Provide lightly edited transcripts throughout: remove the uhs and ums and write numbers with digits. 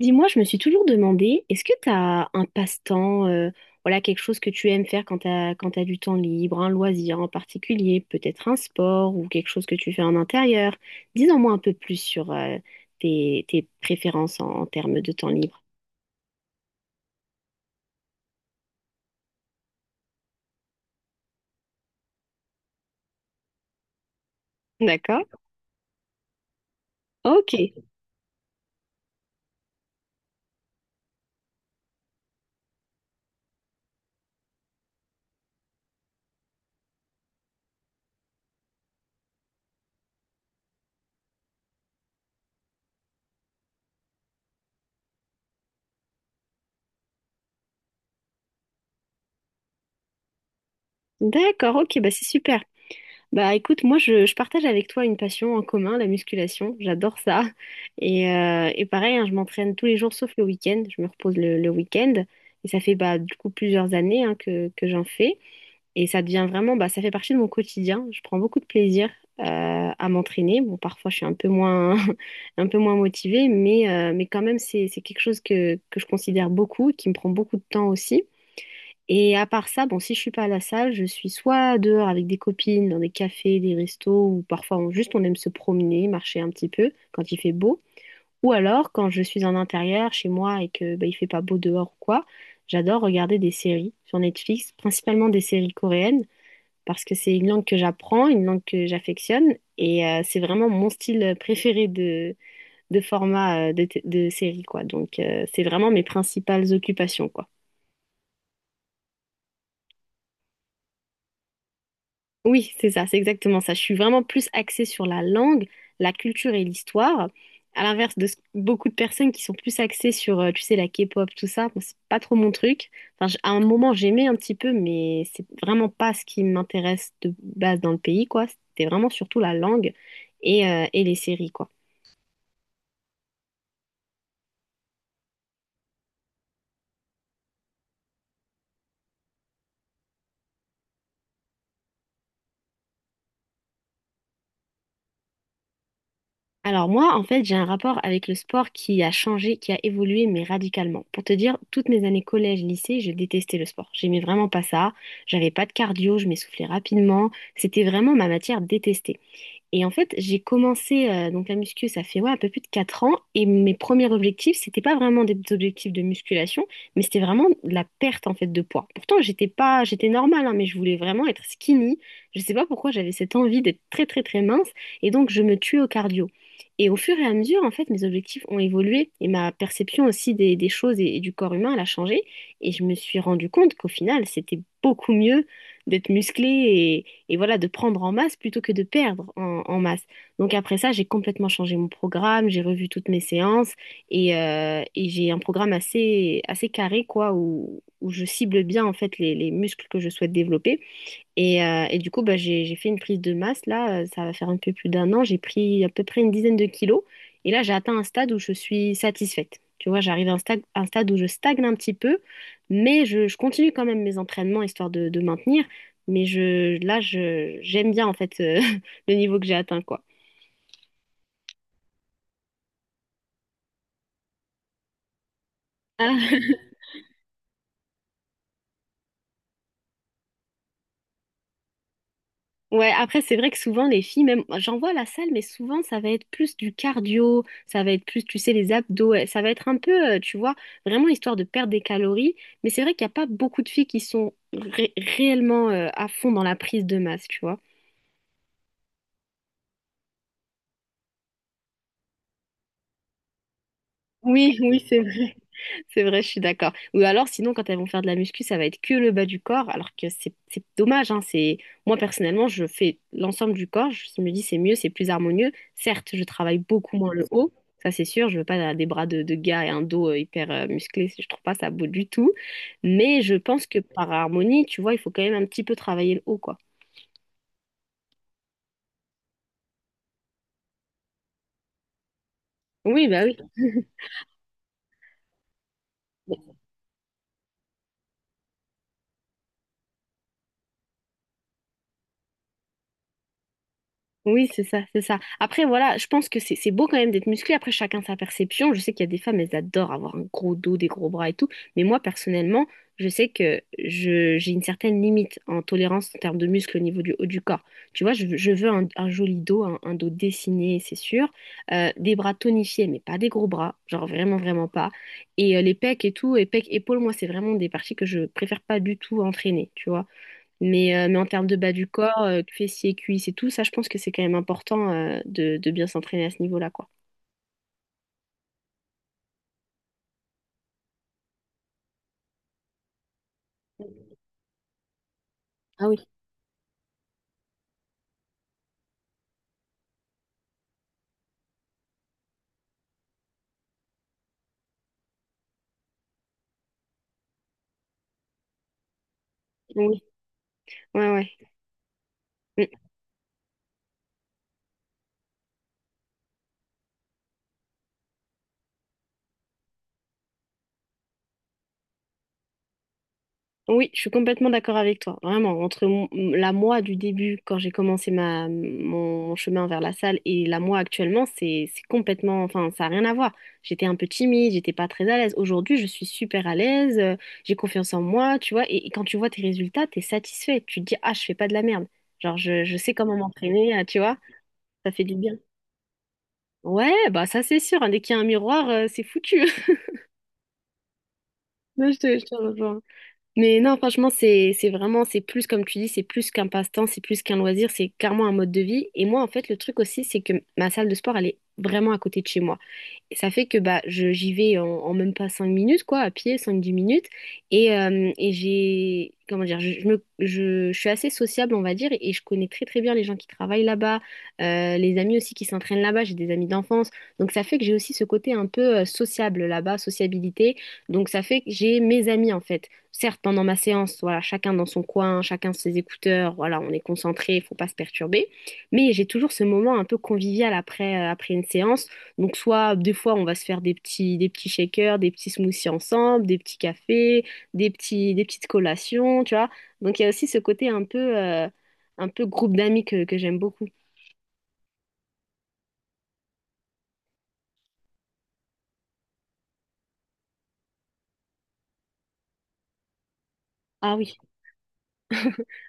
Dis-moi, je me suis toujours demandé, est-ce que tu as un passe-temps, voilà, quelque chose que tu aimes faire quand quand tu du temps libre, un loisir en particulier, peut-être un sport ou quelque chose que tu fais en intérieur? Dis-en-moi un peu plus sur tes préférences en termes de temps libre. D'accord? Ok, d'accord, ok, bah c'est super. Bah écoute, moi je partage avec toi une passion en commun, la musculation. J'adore ça. Et pareil, hein, je m'entraîne tous les jours sauf le week-end. Je me repose le week-end. Et ça fait bah, du coup plusieurs années hein, que j'en fais. Et ça devient vraiment, bah, ça fait partie de mon quotidien. Je prends beaucoup de plaisir euh, à m'entraîner. Bon, parfois je suis un peu moins, un peu moins motivée, mais quand même c'est quelque chose que je considère beaucoup, qui me prend beaucoup de temps aussi. Et à part ça, bon, si je suis pas à la salle, je suis soit dehors avec des copines, dans des cafés, des restos, ou parfois juste on aime se promener, marcher un petit peu quand il fait beau. Ou alors quand je suis en intérieur chez moi et que bah, il fait pas beau dehors ou quoi, j'adore regarder des séries sur Netflix, principalement des séries coréennes, parce que c'est une langue que j'apprends, une langue que j'affectionne, et c'est vraiment mon style préféré de format de série, quoi. Donc c'est vraiment mes principales occupations, quoi. Oui, c'est ça, c'est exactement ça. Je suis vraiment plus axée sur la langue, la culture et l'histoire, à l'inverse de beaucoup de personnes qui sont plus axées sur, tu sais, la K-pop, tout ça. Moi, c'est pas trop mon truc. Enfin, à un moment, j'aimais un petit peu, mais c'est vraiment pas ce qui m'intéresse de base dans le pays, quoi. C'était vraiment surtout la langue et les séries, quoi. Alors moi, en fait, j'ai un rapport avec le sport qui a changé, qui a évolué, mais radicalement. Pour te dire, toutes mes années collège, lycée, je détestais le sport. J'aimais vraiment pas ça. J'avais pas de cardio, je m'essoufflais rapidement. C'était vraiment ma matière détestée. Et en fait, j'ai commencé donc la muscu, ça fait ouais, un peu plus de 4 ans. Et mes premiers objectifs, c'était pas vraiment des objectifs de musculation, mais c'était vraiment de la perte en fait de poids. Pourtant, j'étais pas, j'étais normale, hein, mais je voulais vraiment être skinny. Je sais pas pourquoi j'avais cette envie d'être très très très mince. Et donc, je me tuais au cardio. Et au fur et à mesure, en fait, mes objectifs ont évolué et ma perception aussi des choses et du corps humain, elle a changé. Et je me suis rendu compte qu'au final, c'était beaucoup mieux d'être musclé et voilà, de prendre en masse plutôt que de perdre en masse. Donc après ça, j'ai complètement changé mon programme, j'ai revu toutes mes séances et j'ai un programme assez carré, quoi, où je cible bien en fait les muscles que je souhaite développer. Et du coup, bah, j'ai fait une prise de masse. Là, ça va faire un peu plus d'un an. J'ai pris à peu près une dizaine de kilos. Et là, j'ai atteint un stade où je suis satisfaite. Tu vois, j'arrive à un stade où je stagne un petit peu, mais je continue quand même mes entraînements histoire de maintenir. Mais là, j'aime bien en fait le niveau que j'ai atteint, quoi. Ouais, après, c'est vrai que souvent, les filles, même, j'en vois à la salle, mais souvent, ça va être plus du cardio, ça va être plus, tu sais, les abdos, ça va être un peu, tu vois, vraiment histoire de perdre des calories. Mais c'est vrai qu'il n'y a pas beaucoup de filles qui sont réellement, à fond dans la prise de masse, tu vois. Oui, oui, c'est vrai, je suis d'accord. Ou alors, sinon, quand elles vont faire de la muscu, ça va être que le bas du corps, alors que c'est dommage, hein. Moi, personnellement, je fais l'ensemble du corps. Je me dis, c'est mieux, c'est plus harmonieux. Certes, je travaille beaucoup moins le haut. Ça, c'est sûr. Je veux pas des bras de gars et un dos hyper musclé. Je trouve pas ça beau du tout. Mais je pense que par harmonie, tu vois, il faut quand même un petit peu travailler le haut, quoi. Oui, bah oui. Oui, c'est ça, c'est ça. Après, voilà, je pense que c'est beau quand même d'être musclé. Après, chacun sa perception. Je sais qu'il y a des femmes, elles adorent avoir un gros dos, des gros bras et tout. Mais moi, personnellement, je sais que j'ai une certaine limite en tolérance en termes de muscles au niveau du haut du corps. Tu vois, je veux un joli dos, un dos dessiné, c'est sûr. Des bras tonifiés, mais pas des gros bras. Genre vraiment, vraiment pas. Et les pecs et tout, et pecs, épaules, moi, c'est vraiment des parties que je préfère pas du tout entraîner, tu vois. Mais en termes de bas du corps, fessiers, cuisses et tout, ça, je pense que c'est quand même important de bien s'entraîner à ce niveau-là, quoi. Ah oui. Oui, ouais, ouais. Mm. Oui, je suis complètement d'accord avec toi. Vraiment, entre la moi du début, quand j'ai commencé chemin vers la salle, et la moi actuellement, c'est complètement, enfin, ça n'a rien à voir. J'étais un peu timide, j'étais pas très à l'aise. Aujourd'hui, je suis super à l'aise, j'ai confiance en moi, tu vois. Et quand tu vois tes résultats, t'es satisfait. Tu te dis, ah, je fais pas de la merde. Genre, je sais comment m'entraîner, ah, tu vois, ça fait du bien. Ouais, bah ça c'est sûr, hein, dès qu'il y a un miroir, c'est foutu. Non, je te rejoins. Mais non, franchement, c'est vraiment, c'est plus, comme tu dis, c'est plus qu'un passe-temps, c'est plus qu'un loisir, c'est carrément un mode de vie. Et moi, en fait, le truc aussi, c'est que ma salle de sport, elle est vraiment à côté de chez moi. Et ça fait que bah, j'y vais en même pas 5 minutes, quoi, à pied, 5-10 minutes. Et comment dire, je suis assez sociable, on va dire, et je connais très très bien les gens qui travaillent là-bas, les amis aussi qui s'entraînent là-bas, j'ai des amis d'enfance. Donc ça fait que j'ai aussi ce côté un peu sociable là-bas, sociabilité. Donc ça fait que j'ai mes amis, en fait. Certes, pendant ma séance, voilà, chacun dans son coin, chacun ses écouteurs, voilà, on est concentré, il faut pas se perturber. Mais j'ai toujours ce moment un peu convivial après, après une séance. Donc, soit des fois, on va se faire des petits shakers, des petits smoothies ensemble, des petits cafés, des petites collations, tu vois. Donc, il y a aussi ce côté un peu groupe d'amis que j'aime beaucoup. Ah oui.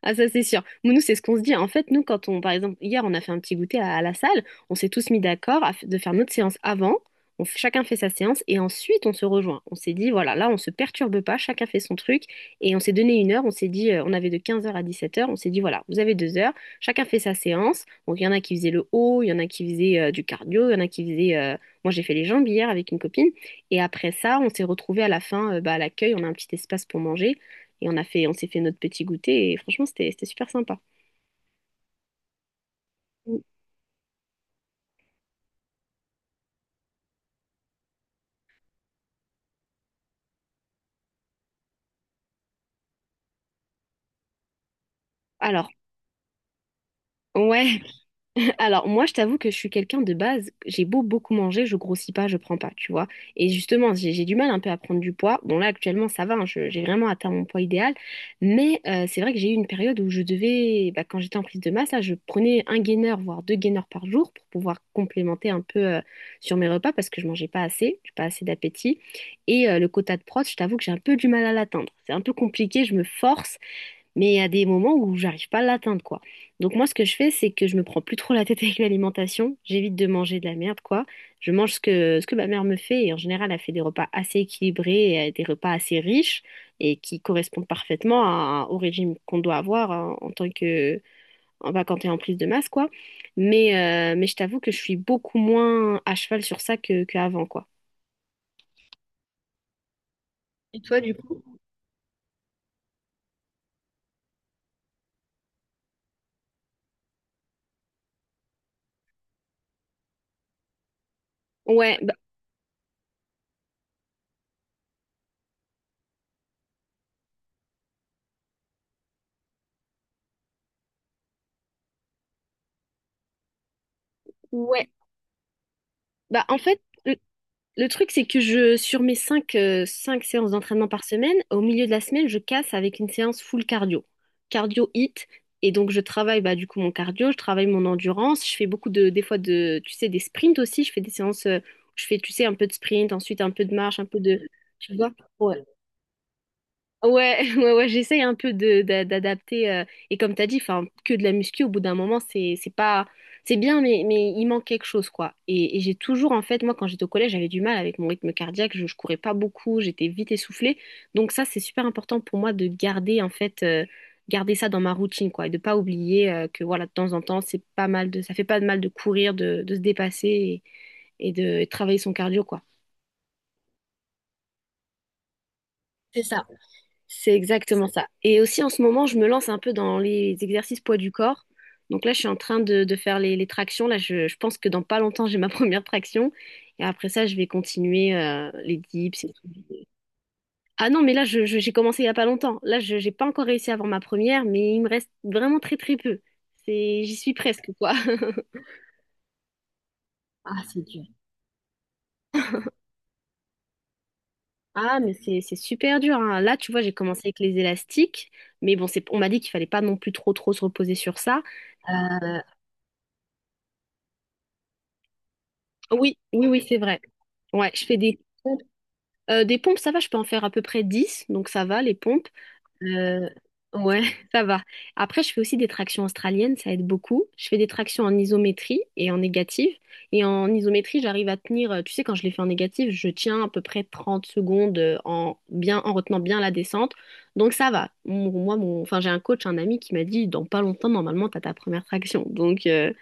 Ah ça c'est sûr. Mais nous c'est ce qu'on se dit. En fait nous quand on par exemple hier on a fait un petit goûter à la salle, on s'est tous mis d'accord à de faire notre séance avant. Chacun fait sa séance et ensuite on se rejoint. On s'est dit voilà là on se perturbe pas, chacun fait son truc et on s'est donné une heure. On s'est dit on avait de 15h à 17h. On s'est dit voilà vous avez 2 heures, chacun fait sa séance. Donc il y en a qui faisaient le haut, il y en a qui faisaient du cardio, il y en a qui faisaient moi j'ai fait les jambes hier avec une copine et après ça on s'est retrouvés à la fin bah, à l'accueil on a un petit espace pour manger. Et on s'est fait notre petit goûter et franchement, c'était super sympa. Alors, ouais, alors moi, je t'avoue que je suis quelqu'un de base, j'ai beau beaucoup manger, je grossis pas, je prends pas, tu vois. Et justement, j'ai du mal un peu à prendre du poids. Bon, là, actuellement, ça va, hein, j'ai vraiment atteint mon poids idéal. Mais c'est vrai que j'ai eu une période où je devais, bah, quand j'étais en prise de masse, là, je prenais un gainer, voire deux gainers par jour pour pouvoir complémenter un peu sur mes repas parce que je mangeais pas assez, j'ai pas assez d'appétit. Et le quota de prot, je t'avoue que j'ai un peu du mal à l'atteindre. C'est un peu compliqué, je me force. Mais il y a des moments où j'arrive pas à l'atteindre, quoi. Donc moi, ce que je fais, c'est que je me prends plus trop la tête avec l'alimentation. J'évite de manger de la merde, quoi. Je mange ce que ma mère me fait. Et en général, elle fait des repas assez équilibrés, et des repas assez riches et qui correspondent parfaitement au régime qu'on doit avoir, hein, en tant que, en bah, quand t'es en prise de masse, quoi. Mais, mais je t'avoue que je suis beaucoup moins à cheval sur ça qu'avant, quoi. Ouais, bah, ouais. Bah, en fait, le truc, c'est que sur mes cinq séances d'entraînement par semaine, au milieu de la semaine, je casse avec une séance full cardio. Cardio hit. Et donc, je travaille, bah, du coup mon cardio, je travaille mon endurance, je fais beaucoup des fois tu sais, des sprints aussi. Je fais des séances, où je fais, tu sais, un peu de sprint, ensuite un peu de marche, tu vois. Ouais. Ouais, j'essaye un peu d'adapter. Et comme t'as dit, enfin, que de la muscu, au bout d'un moment, c'est pas, c'est bien, mais il manque quelque chose, quoi. Et j'ai toujours, en fait, moi, quand j'étais au collège, j'avais du mal avec mon rythme cardiaque. Je courais pas beaucoup, j'étais vite essoufflée. Donc ça, c'est super important pour moi de garder, en fait, garder ça dans ma routine, quoi, et de pas oublier que, voilà, de temps en temps, c'est pas mal de, ça fait pas de mal de courir, de se dépasser et de travailler son cardio, quoi. C'est exactement ça. Et aussi en ce moment, je me lance un peu dans les exercices poids du corps. Donc là, je suis en train de faire les tractions. Là, je pense que dans pas longtemps, j'ai ma première traction. Et après ça, je vais continuer les dips et tout. Ah non, mais là, j'ai commencé il y a pas longtemps. Là, je j'ai pas encore réussi à avoir ma première, mais il me reste vraiment très peu. C'est, j'y suis presque, quoi. Ah, c'est dur. Ah, mais c'est super dur, hein. Là, tu vois, j'ai commencé avec les élastiques, mais bon, c'est, on m'a dit qu'il fallait pas non plus trop se reposer sur ça. Euh, oui, oui, c'est vrai. Ouais, je fais des pompes. Des pompes, ça va, je peux en faire à peu près 10, donc ça va, les pompes. Euh, ouais, ça va. Après, je fais aussi des tractions australiennes, ça aide beaucoup. Je fais des tractions en isométrie et en négative. Et en isométrie, j'arrive à tenir, tu sais, quand je les fais en négative, je tiens à peu près 30 secondes, bien, en retenant bien la descente. Donc ça va. J'ai un coach, un ami qui m'a dit, dans pas longtemps, normalement, t'as ta première traction. Donc,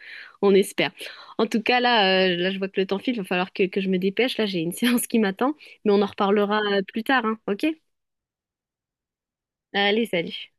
on espère. En tout cas, là, je vois que le temps file, il va falloir que je me dépêche. Là, j'ai une séance qui m'attend, mais on en reparlera plus tard, hein, ok? Allez, salut.